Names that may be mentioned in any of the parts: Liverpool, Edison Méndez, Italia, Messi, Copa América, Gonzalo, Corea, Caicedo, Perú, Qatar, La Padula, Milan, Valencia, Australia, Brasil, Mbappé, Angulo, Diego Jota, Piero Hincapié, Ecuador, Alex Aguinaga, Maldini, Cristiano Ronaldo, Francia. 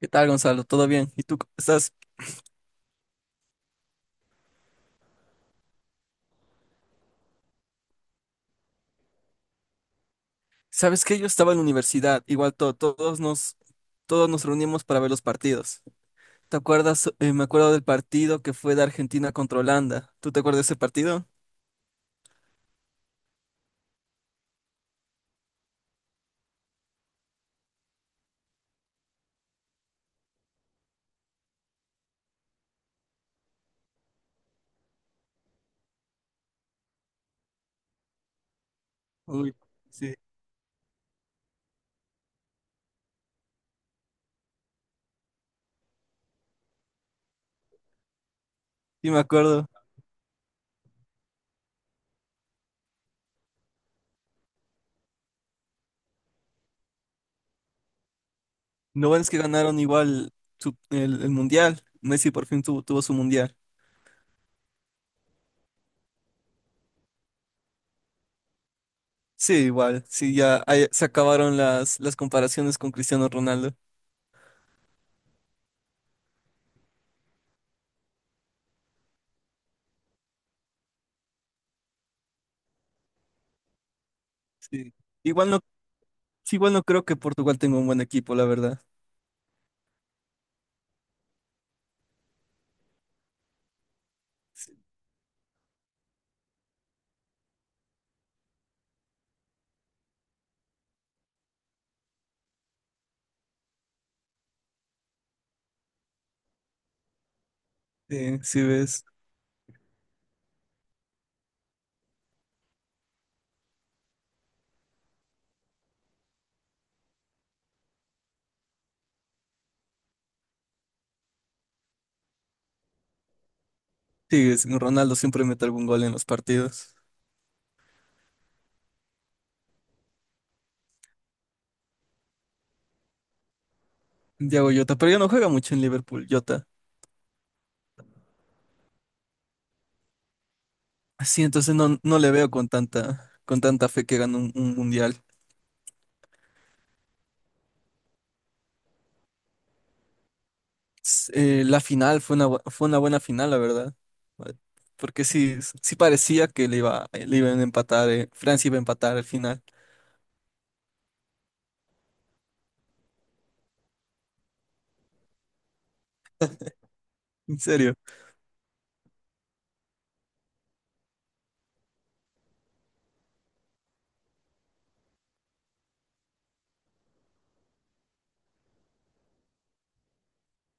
¿Qué tal, Gonzalo? ¿Todo bien? ¿Y tú cómo estás? ¿Sabes qué? Yo estaba en la universidad, igual todos nos reunimos para ver los partidos. ¿Te acuerdas? Me acuerdo del partido que fue de Argentina contra Holanda. ¿Tú te acuerdas de ese partido? Uy, sí, sí me acuerdo. Lo bueno es que ganaron igual el Mundial. Messi por fin tuvo, tuvo su Mundial. Sí, igual. Sí, ya ahí se acabaron las comparaciones con Cristiano Ronaldo. Sí. Igual no, sí, igual no creo que Portugal tenga un buen equipo, la verdad. Sí, sí, sí ves. Sí, Ronaldo siempre mete algún gol en los partidos. Diego Jota, pero ya no juega mucho en Liverpool, Jota. Sí, entonces no, no le veo con tanta fe que gane un mundial. La final fue una buena final, la verdad. Porque sí, sí parecía que le iban a empatar, Francia iba a empatar al final. En serio,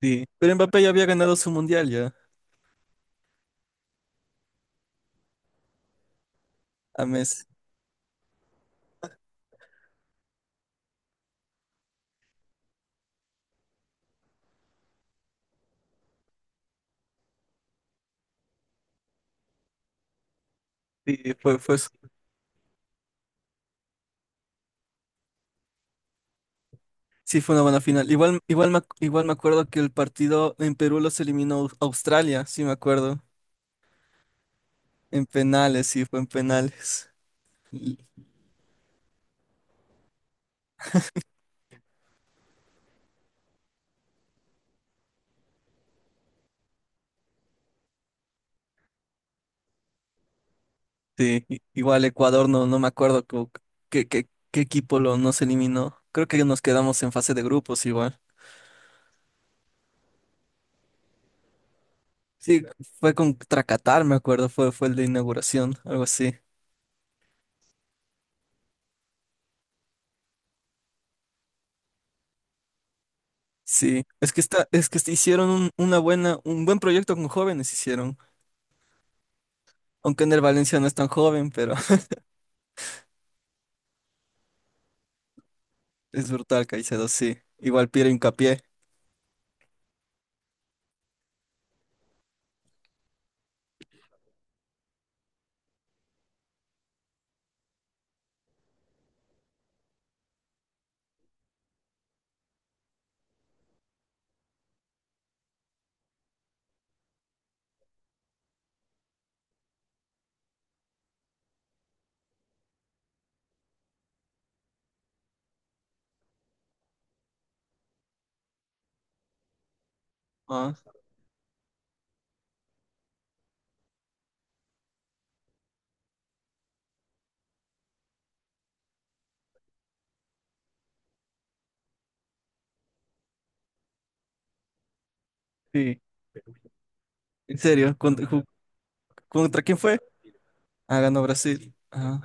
sí. Pero Mbappé ya había ganado su mundial ya a Messi. Sí, fue, fue, su- sí, fue una buena final. Igual me acuerdo que el partido en Perú los eliminó Australia, sí me acuerdo. En penales, sí, fue en penales. Y- Sí, igual Ecuador, no, no me acuerdo qué equipo lo nos eliminó. Creo que nos quedamos en fase de grupos igual. Sí, fue contra Qatar, me acuerdo, fue el de inauguración, algo así. Sí, es que hicieron un buen proyecto con jóvenes hicieron. Aunque en el Valencia no es tan joven, pero es brutal, Caicedo, sí. Igual Piero Hincapié. Ah, sí. En serio, ¿Contra quién fue? Ah, ganó Brasil. Ah.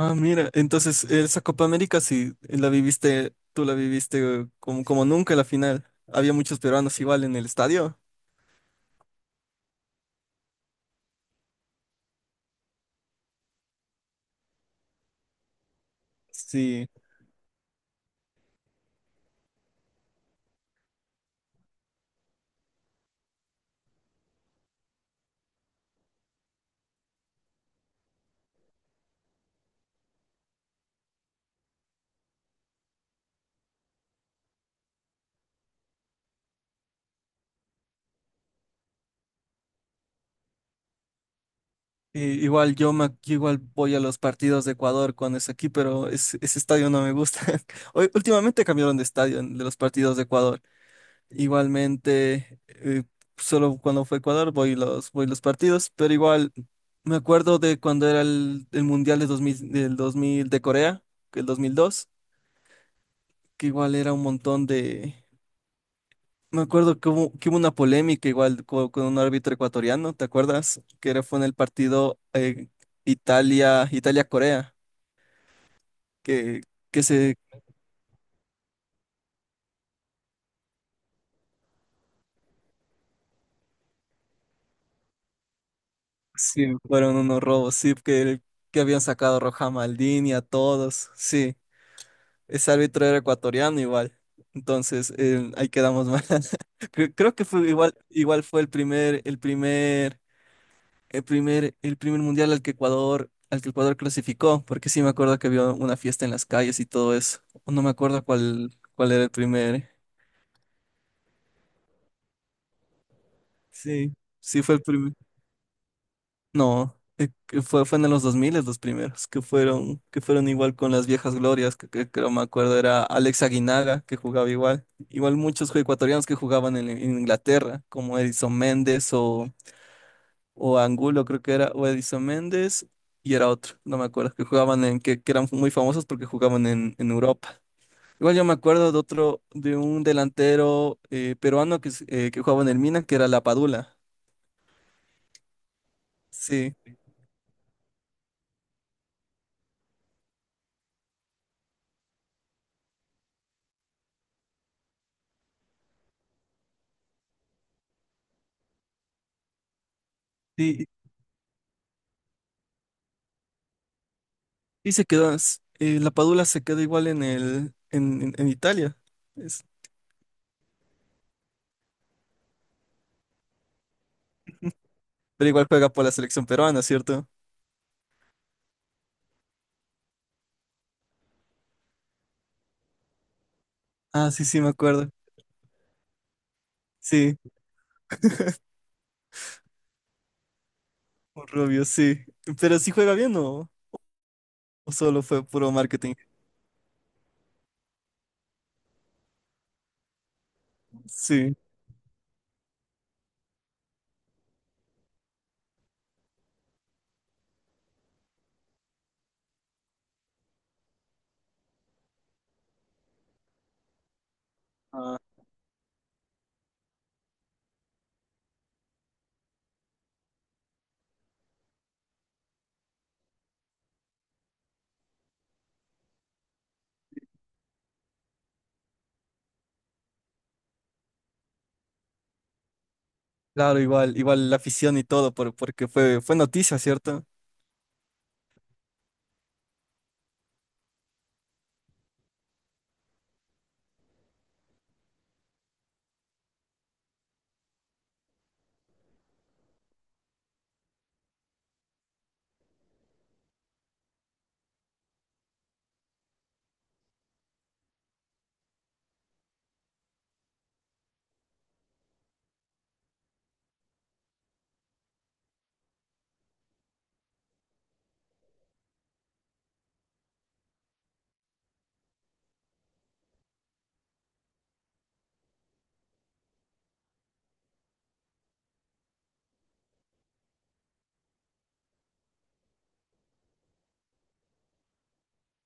Ah, mira, entonces esa Copa América sí la viviste, tú la viviste como nunca la final. Había muchos peruanos igual en el estadio. Sí, igual yo, igual voy a los partidos de Ecuador cuando es aquí, pero ese estadio no me gusta. Últimamente cambiaron de estadio de los partidos de Ecuador. Igualmente, solo cuando fue Ecuador voy los partidos, pero igual me acuerdo de cuando era el Mundial de 2000 del 2000 de Corea, el 2002. Que igual era un montón de... Me acuerdo que hubo una polémica igual con un árbitro ecuatoriano, ¿te acuerdas? Fue en el partido Italia-Corea, que, que se Sí, fueron unos robos, sí, que habían sacado a Roja Maldini a todos, sí. Ese árbitro era ecuatoriano igual. Entonces, ahí quedamos mal. Creo que fue igual fue el primer mundial al que Ecuador, clasificó, porque sí me acuerdo que había una fiesta en las calles y todo eso. O no me acuerdo cuál era el primer. Sí, sí fue el primer. No, que fue en los 2000 los primeros, que fueron igual con las viejas glorias, que creo me acuerdo era Alex Aguinaga, que jugaba igual. Igual muchos ecuatorianos que jugaban en Inglaterra, como Edison Méndez o Angulo creo que era, o Edison Méndez, y era otro, no me acuerdo, que jugaban que eran muy famosos porque jugaban en Europa. Igual yo me acuerdo de otro, de un delantero peruano que jugaba en el Milan, que era La Padula. Sí, y, y La Padula se quedó igual en el, en Italia, es- pero igual juega por la selección peruana, ¿cierto? Ah, sí, sí, me acuerdo. Sí, un rubio, sí. Pero sí juega bien o solo fue puro marketing. Sí. Claro, igual la afición y todo, porque fue noticia, ¿cierto?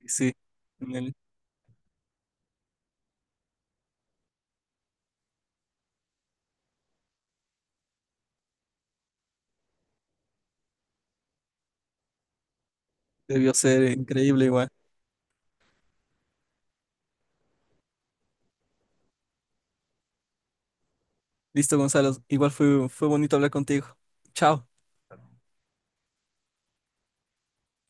Sí, en el- debió ser increíble igual. Listo, Gonzalo, igual fue bonito hablar contigo. Chao.